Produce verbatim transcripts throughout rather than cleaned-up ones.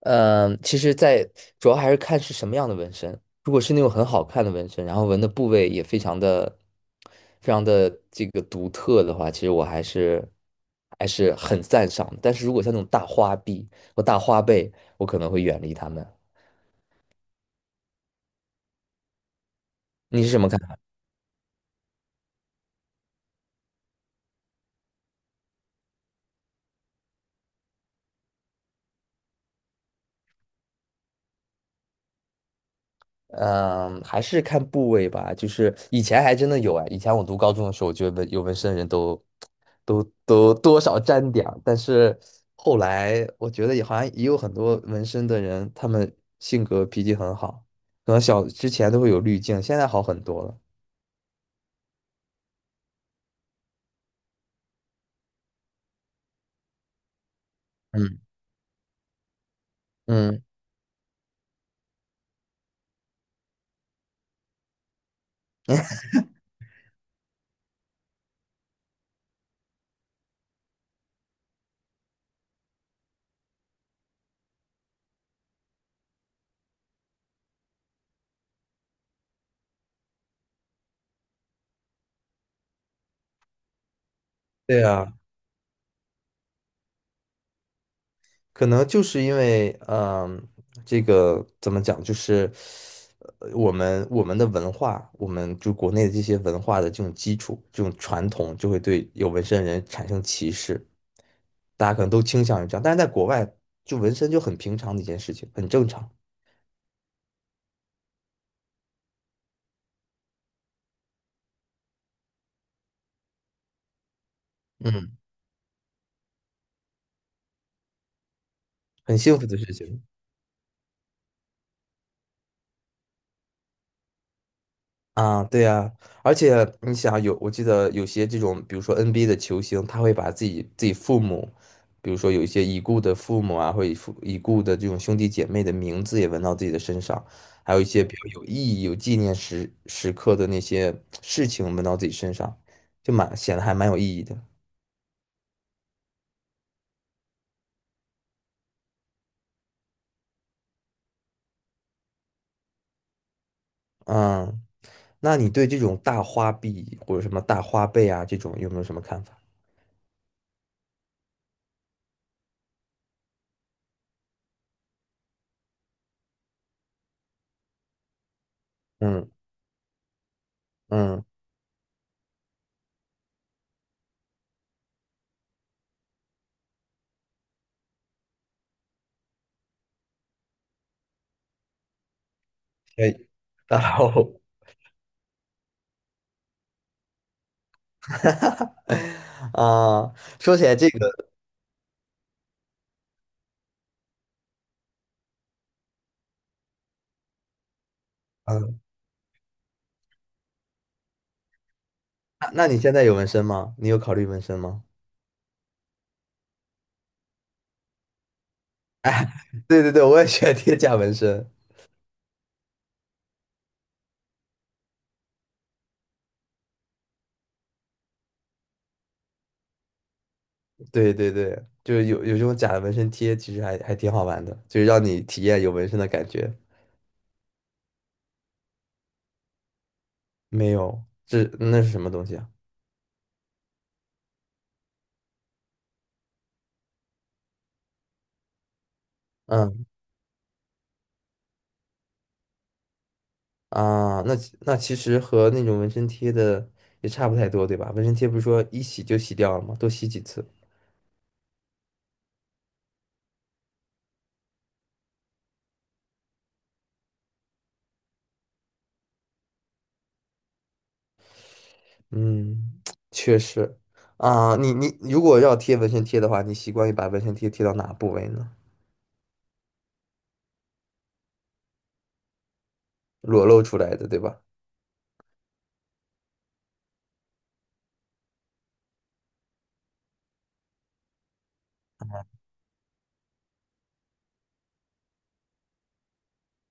嗯，呃其实在，主要还是看是什么样的纹身。如果是那种很好看的纹身，然后纹的部位也非常的、非常的这个独特的话，其实我还是还是很赞赏的。但是如果像那种大花臂或大花背，我可能会远离他们。你是什么看？嗯，还是看部位吧。就是以前还真的有。哎，以前我读高中的时候，我觉得纹有纹身的人都都都多少沾点儿，但是后来我觉得也好像也有很多纹身的人，他们性格脾气很好，可能小之前都会有滤镜，现在好很多了。嗯嗯，对啊。可能就是因为，嗯、这个怎么讲，就是呃我们我们的文化，我们就国内的这些文化的这种基础、这种传统，就会对有纹身的人产生歧视。大家可能都倾向于这样，但是在国外，就纹身就很平常的一件事情，很正常，嗯，很幸福的事情。啊，对呀，而且你想有，我记得有些这种，比如说 N B A 的球星，他会把自己自己父母，比如说有一些已故的父母啊，或者父已故的这种兄弟姐妹的名字也纹到自己的身上，还有一些比较有意义、有纪念时时刻的那些事情纹到自己身上，就蛮显得还蛮有意义的。嗯，那你对这种大花臂或者什么大花背啊这种有没有什么看法？嗯嗯，可以，大后。哈哈。啊，说起来这个，嗯，那那你现在有纹身吗？你有考虑纹身吗？对对对，我也喜欢贴假纹身。对对对，就是有有这种假的纹身贴，其实还还挺好玩的，就是让你体验有纹身的感觉。没有，这那是什么东西啊？嗯。啊，那其那其实和那种纹身贴的也差不太多，对吧？纹身贴不是说一洗就洗掉了吗？多洗几次。嗯，确实。啊，你你如果要贴纹身贴的话，你习惯于把纹身贴贴到哪部位呢？裸露出来的，对吧？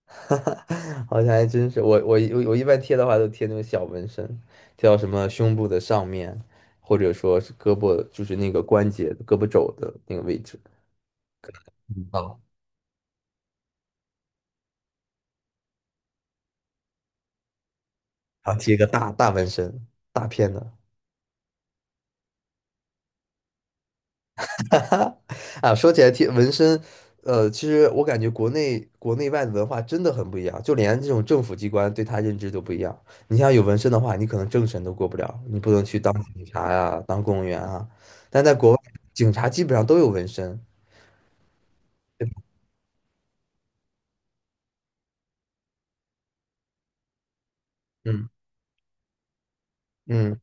好像还真是，我我我我一般贴的话都贴那种小纹身，贴到什么胸部的上面，或者说是胳膊，就是那个关节、胳膊肘的那个位置。嗯，啊，然后贴一个大大纹身，大片的。哈哈。啊，说起来贴纹身，呃，其实我感觉国内国内外的文化真的很不一样，就连这种政府机关对他认知都不一样。你像有纹身的话，你可能政审都过不了，你不能去当警察呀、当公务员啊。但在国外，警察基本上都有纹身。嗯嗯，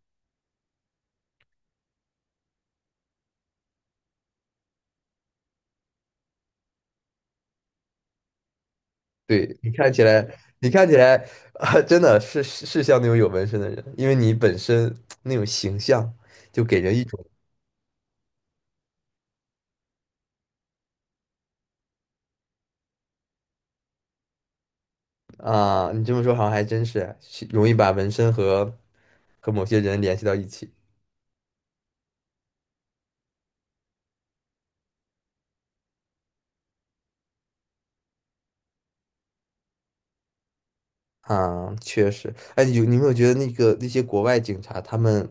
对，你看起来，你看起来，啊，真的是是是像那种有纹身的人，因为你本身那种形象就给人一种。啊，你这么说好像还真是是容易把纹身和和某些人联系到一起。啊，确实。哎，有你有没有觉得那个那些国外警察，他们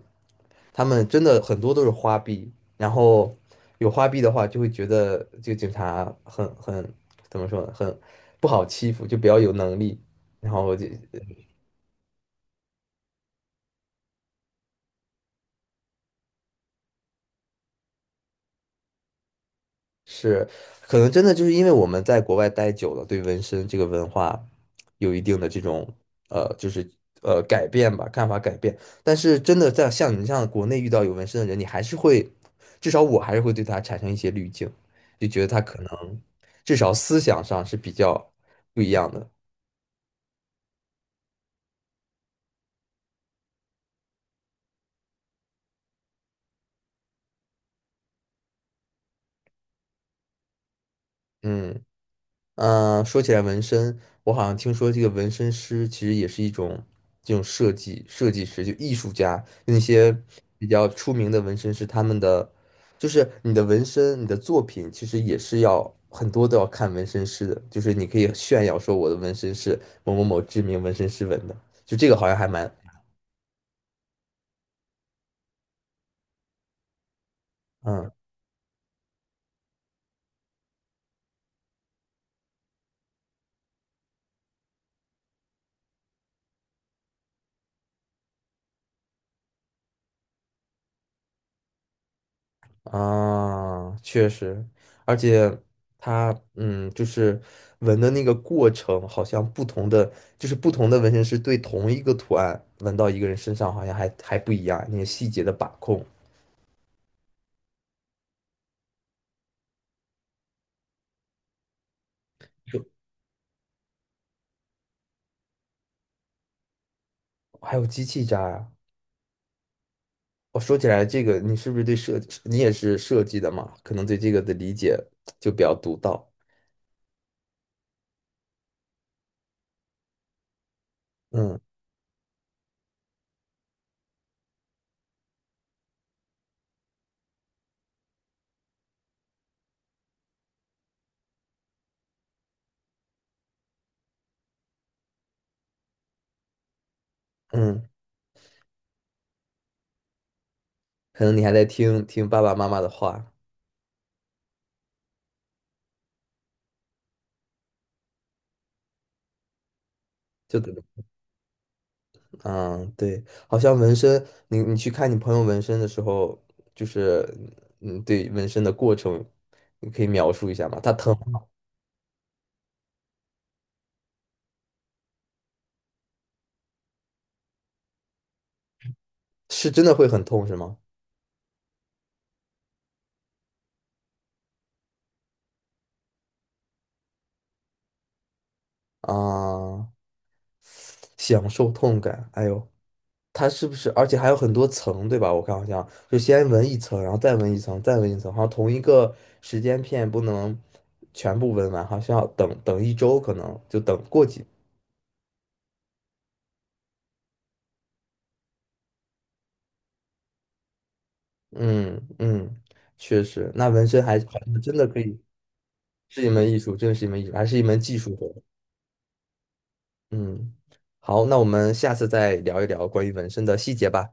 他们真的很多都是花臂，然后有花臂的话，就会觉得这个警察很很怎么说呢，很不好欺负，就比较有能力，然后就是，可能真的就是因为我们在国外待久了，对纹身这个文化有一定的这种呃，就是呃改变吧，看法改变。但是真的在像你这样国内遇到有纹身的人，你还是会，至少我还是会对他产生一些滤镜，就觉得他可能至少思想上是比较不一样的。嗯。嗯，呃说起来纹身，我好像听说这个纹身师其实也是一种这种设计设计师，就艺术家，那些比较出名的纹身师，他们的就是你的纹身，你的作品其实也是要很多都要看纹身师的，就是你可以炫耀说我的纹身是某某某知名纹身师纹的，就这个好像还蛮嗯。啊，确实，而且它，嗯，就是纹的那个过程，好像不同的，就是不同的纹身师对同一个图案纹到一个人身上，好像还还不一样，那个细节的把控，还有机器扎呀。我说起来这个，你是不是对设计，你也是设计的嘛？可能对这个的理解就比较独到。嗯嗯，可能你还在听听爸爸妈妈的话，就等着嗯，对，好像纹身，你你去看你朋友纹身的时候，就是嗯，对纹身的过程，你可以描述一下吗？它疼吗？是真的会很痛是吗？啊，享受痛感，哎呦，它是不是？而且还有很多层，对吧？我看好像就先纹一层，然后再纹一层，再纹一层，好像同一个时间片不能全部纹完，好像要等等一周，可能就等过几，嗯嗯，确实，那纹身还还是真的可以。是一门艺术，真的是一门艺术，还是一门技术活。嗯，好，那我们下次再聊一聊关于纹身的细节吧。